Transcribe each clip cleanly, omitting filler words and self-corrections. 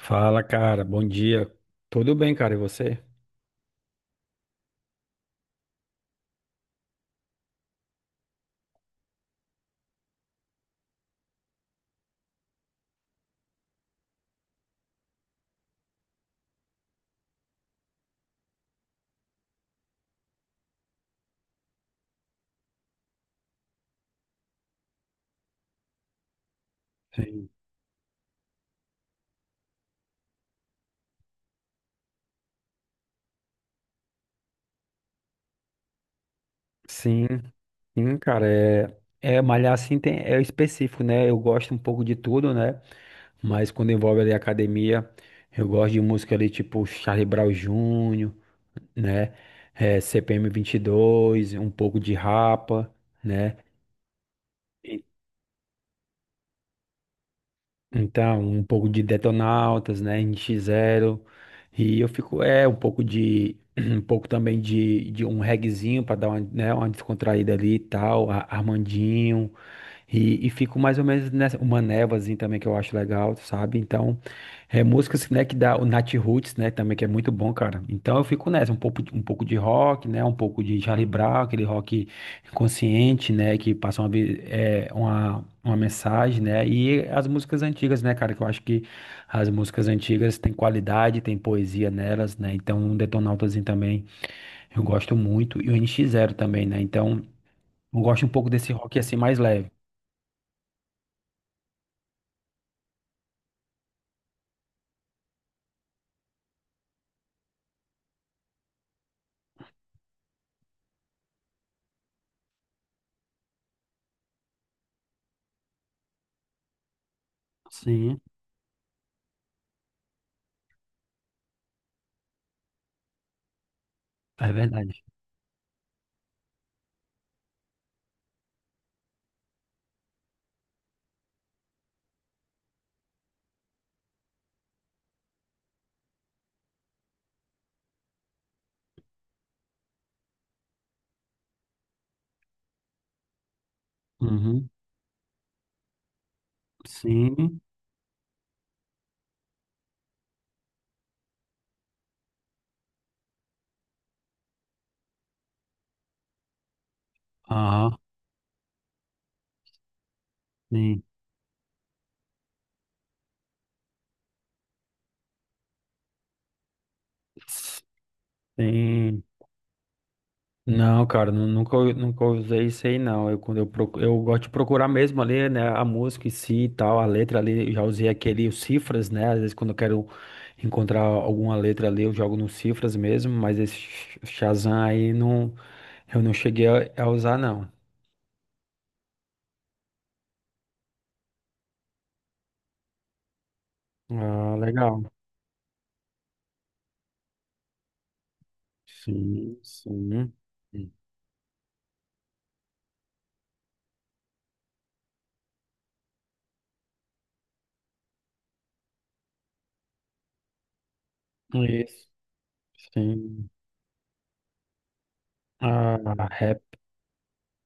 Fala, cara. Bom dia. Tudo bem, cara? E você? Sim. Sim, sim, cara. É, é malhar assim tem, é específico, né? Eu gosto um pouco de tudo, né? Mas quando envolve ali academia, eu gosto de música ali tipo Charlie Brown Jr., né? É, CPM 22, um pouco de Rapa, né? Então, um pouco de Detonautas, né, NX Zero e eu fico, um pouco um pouco também de um reguezinho para dar uma, né, uma descontraída ali e tal, Armandinho, e fico mais ou menos nessa, uma névoazinha também que eu acho legal, sabe? Então, é músicas, né, que dá o Nat Roots, né, também que é muito bom, cara. Então eu fico nessa, um pouco, um pouco de rock, né, um pouco de Charlie Brown, aquele rock consciente, né, que passa uma, uma mensagem, né, e as músicas antigas, né, cara, que eu acho que as músicas antigas têm qualidade, tem poesia nelas, né, então um Detonautaszinho também eu gosto muito, e o NX Zero também, né, então eu gosto um pouco desse rock assim mais leve. Sim. É verdade. Uhum. Sim. Aham. Sim. Sim. Não, cara, nunca, nunca usei isso aí, não. Eu, eu gosto de procurar mesmo ali, né, a música em si e tal, a letra ali, eu já usei aquele, os cifras, né, às vezes quando eu quero encontrar alguma letra ali, eu jogo nos cifras mesmo, mas esse Shazam aí, não, eu não cheguei a usar, não. Ah, legal. Sim, sim. Isso. Sim. Ah,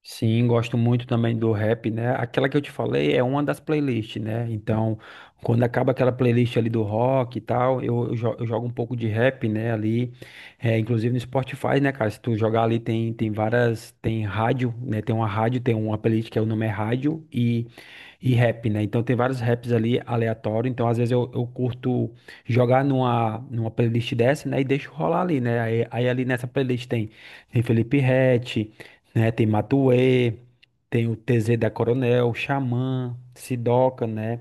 sim, gosto muito também do rap, né? Aquela que eu te falei é uma das playlists, né? Então, quando acaba aquela playlist ali do rock e tal, eu jogo um pouco de rap, né? Ali, é, inclusive no Spotify, né, cara? Se tu jogar ali, tem, tem várias. Tem rádio, né? Tem uma rádio, tem uma playlist que é o nome é Rádio, e rap, né? Então tem vários raps ali aleatório. Então às vezes eu curto jogar numa, numa playlist dessa, né? E deixo rolar ali, né? Aí ali nessa playlist tem, tem Felipe Ret, né? Tem Matuê, tem o TZ da Coronel, Xamã, Sidoca, né?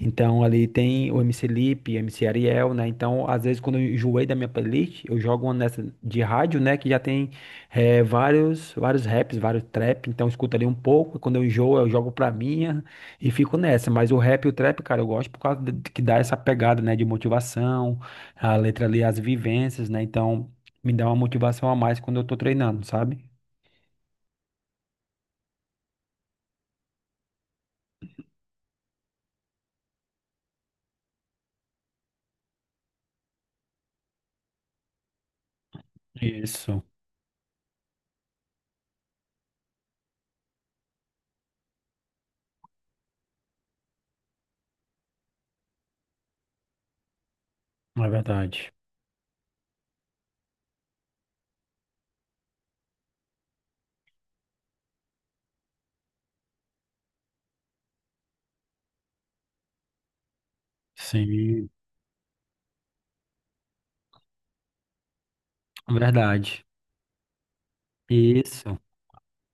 Então ali tem o MC Lipe, MC Ariel, né? Então às vezes quando eu enjoei da minha playlist, eu jogo uma nessa de rádio, né? Que já tem vários, vários raps, vários trap. Então eu escuto ali um pouco. Quando eu enjoo, eu jogo pra minha e fico nessa, mas o rap e o trap, cara, eu gosto por causa que dá essa pegada, né, de motivação, a letra ali, as vivências, né? Então, me dá uma motivação a mais quando eu tô treinando, sabe? Isso, é verdade. Sim, verdade. Isso.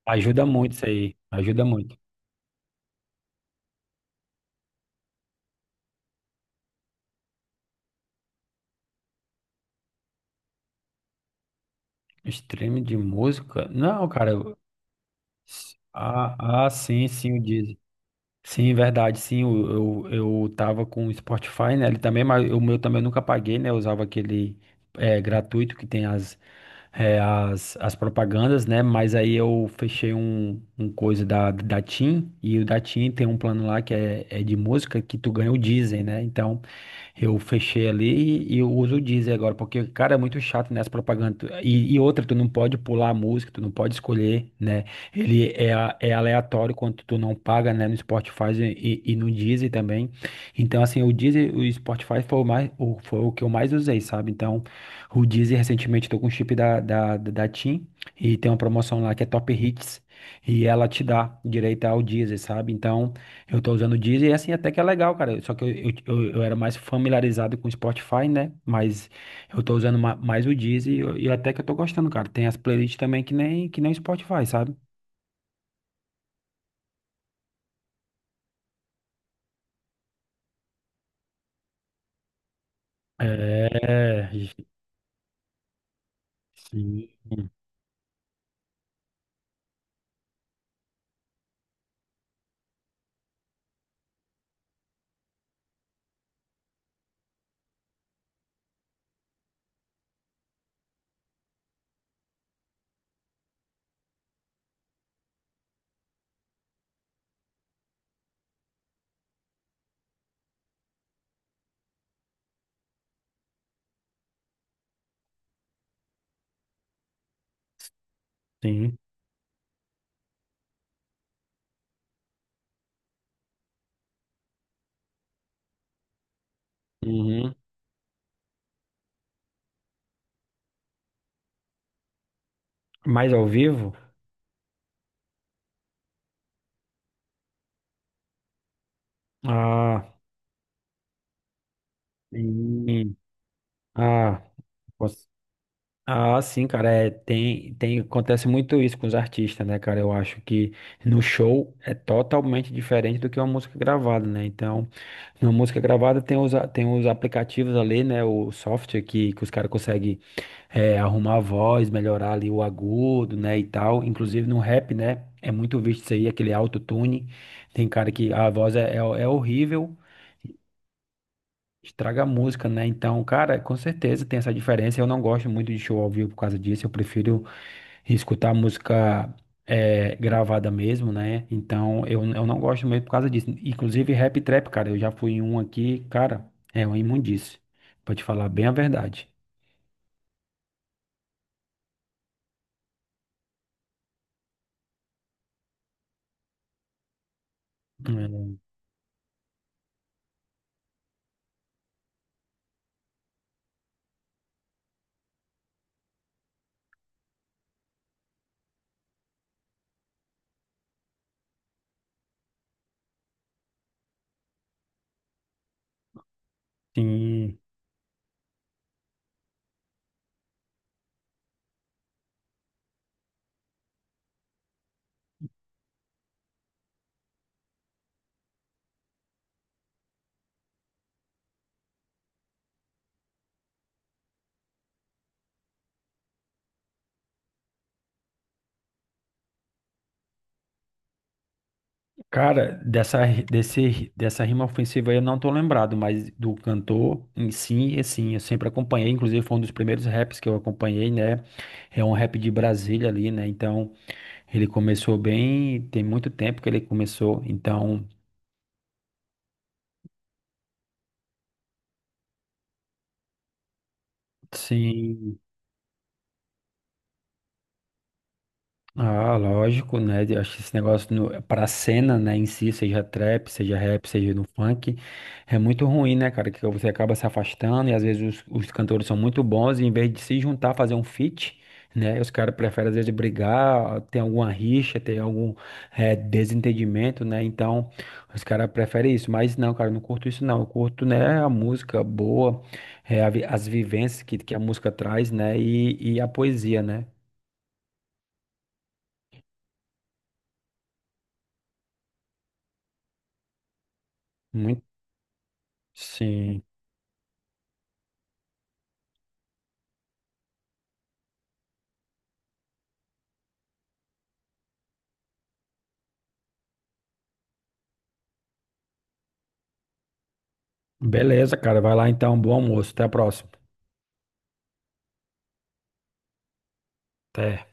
Ajuda muito isso aí, ajuda muito. Stream de música? Não, cara. Ah, ah, sim, sim, o Deezer. Sim, verdade, sim, eu tava com o Spotify, né, ele também, mas o meu também eu nunca paguei, né, eu usava aquele é, gratuito que tem as, as propagandas, né, mas aí eu fechei um, um coisa da TIM, e o da TIM tem um plano lá que é, é de música que tu ganha o Deezer, né, então eu fechei ali e eu uso o Deezer agora, porque, cara, é muito chato, né, as propagandas. E outra, tu não pode pular a música, tu não pode escolher, né? Ele é, é aleatório quando tu não paga, né, no Spotify e no Deezer também. Então, assim, o Deezer, o Spotify foi o mais, o, foi o que eu mais usei, sabe? Então, o Deezer, recentemente, tô com o chip da TIM e tem uma promoção lá que é Top Hits e ela te dá direito ao Deezer, sabe? Então, eu tô usando o Deezer e assim até que é legal, cara. Só que eu era mais familiarizado com o Spotify, né? Mas eu tô usando mais o Deezer e até que eu tô gostando, cara. Tem as playlists também que nem o Spotify, sabe? É, sim, sim. Uhum. Mas ao vivo? Ah, sim. Ah, posso- ah, sim, cara. É, tem, tem, acontece muito isso com os artistas, né, cara? Eu acho que no show é totalmente diferente do que uma música gravada, né? Então. Na música gravada tem os, tem os aplicativos ali, né? O software que os caras conseguem arrumar a voz, melhorar ali o agudo, né? E tal. Inclusive no rap, né? É muito visto isso aí, aquele autotune. Tem cara que a voz é, é horrível, estraga a música, né? Então, cara, com certeza tem essa diferença. Eu não gosto muito de show ao vivo por causa disso. Eu prefiro e escutar música é, gravada mesmo, né? Então eu não gosto mesmo por causa disso. Inclusive rap e trap, cara, eu já fui em um aqui, cara, é uma imundice, pra te falar bem a verdade. É, sim, cara, dessa rima ofensiva aí eu não tô lembrado, mas do cantor em si, assim, eu sempre acompanhei, inclusive foi um dos primeiros raps que eu acompanhei, né? É um rap de Brasília ali, né? Então, ele começou bem, tem muito tempo que ele começou, então, sim. Ah, lógico, né? Eu acho que esse negócio no, pra cena, né, em si, seja trap, seja rap, seja no funk, é muito ruim, né, cara? Que você acaba se afastando e às vezes os cantores são muito bons e em vez de se juntar, fazer um feat, né? Os caras preferem às vezes brigar, ter alguma rixa, ter algum desentendimento, né? Então, os caras preferem isso. Mas não, cara, eu não curto isso, não. Eu curto, né, a música boa, as vivências que a música traz, né? E a poesia, né? Muito. Sim. Beleza, cara. Vai lá então. Bom almoço. Até a próxima. Até.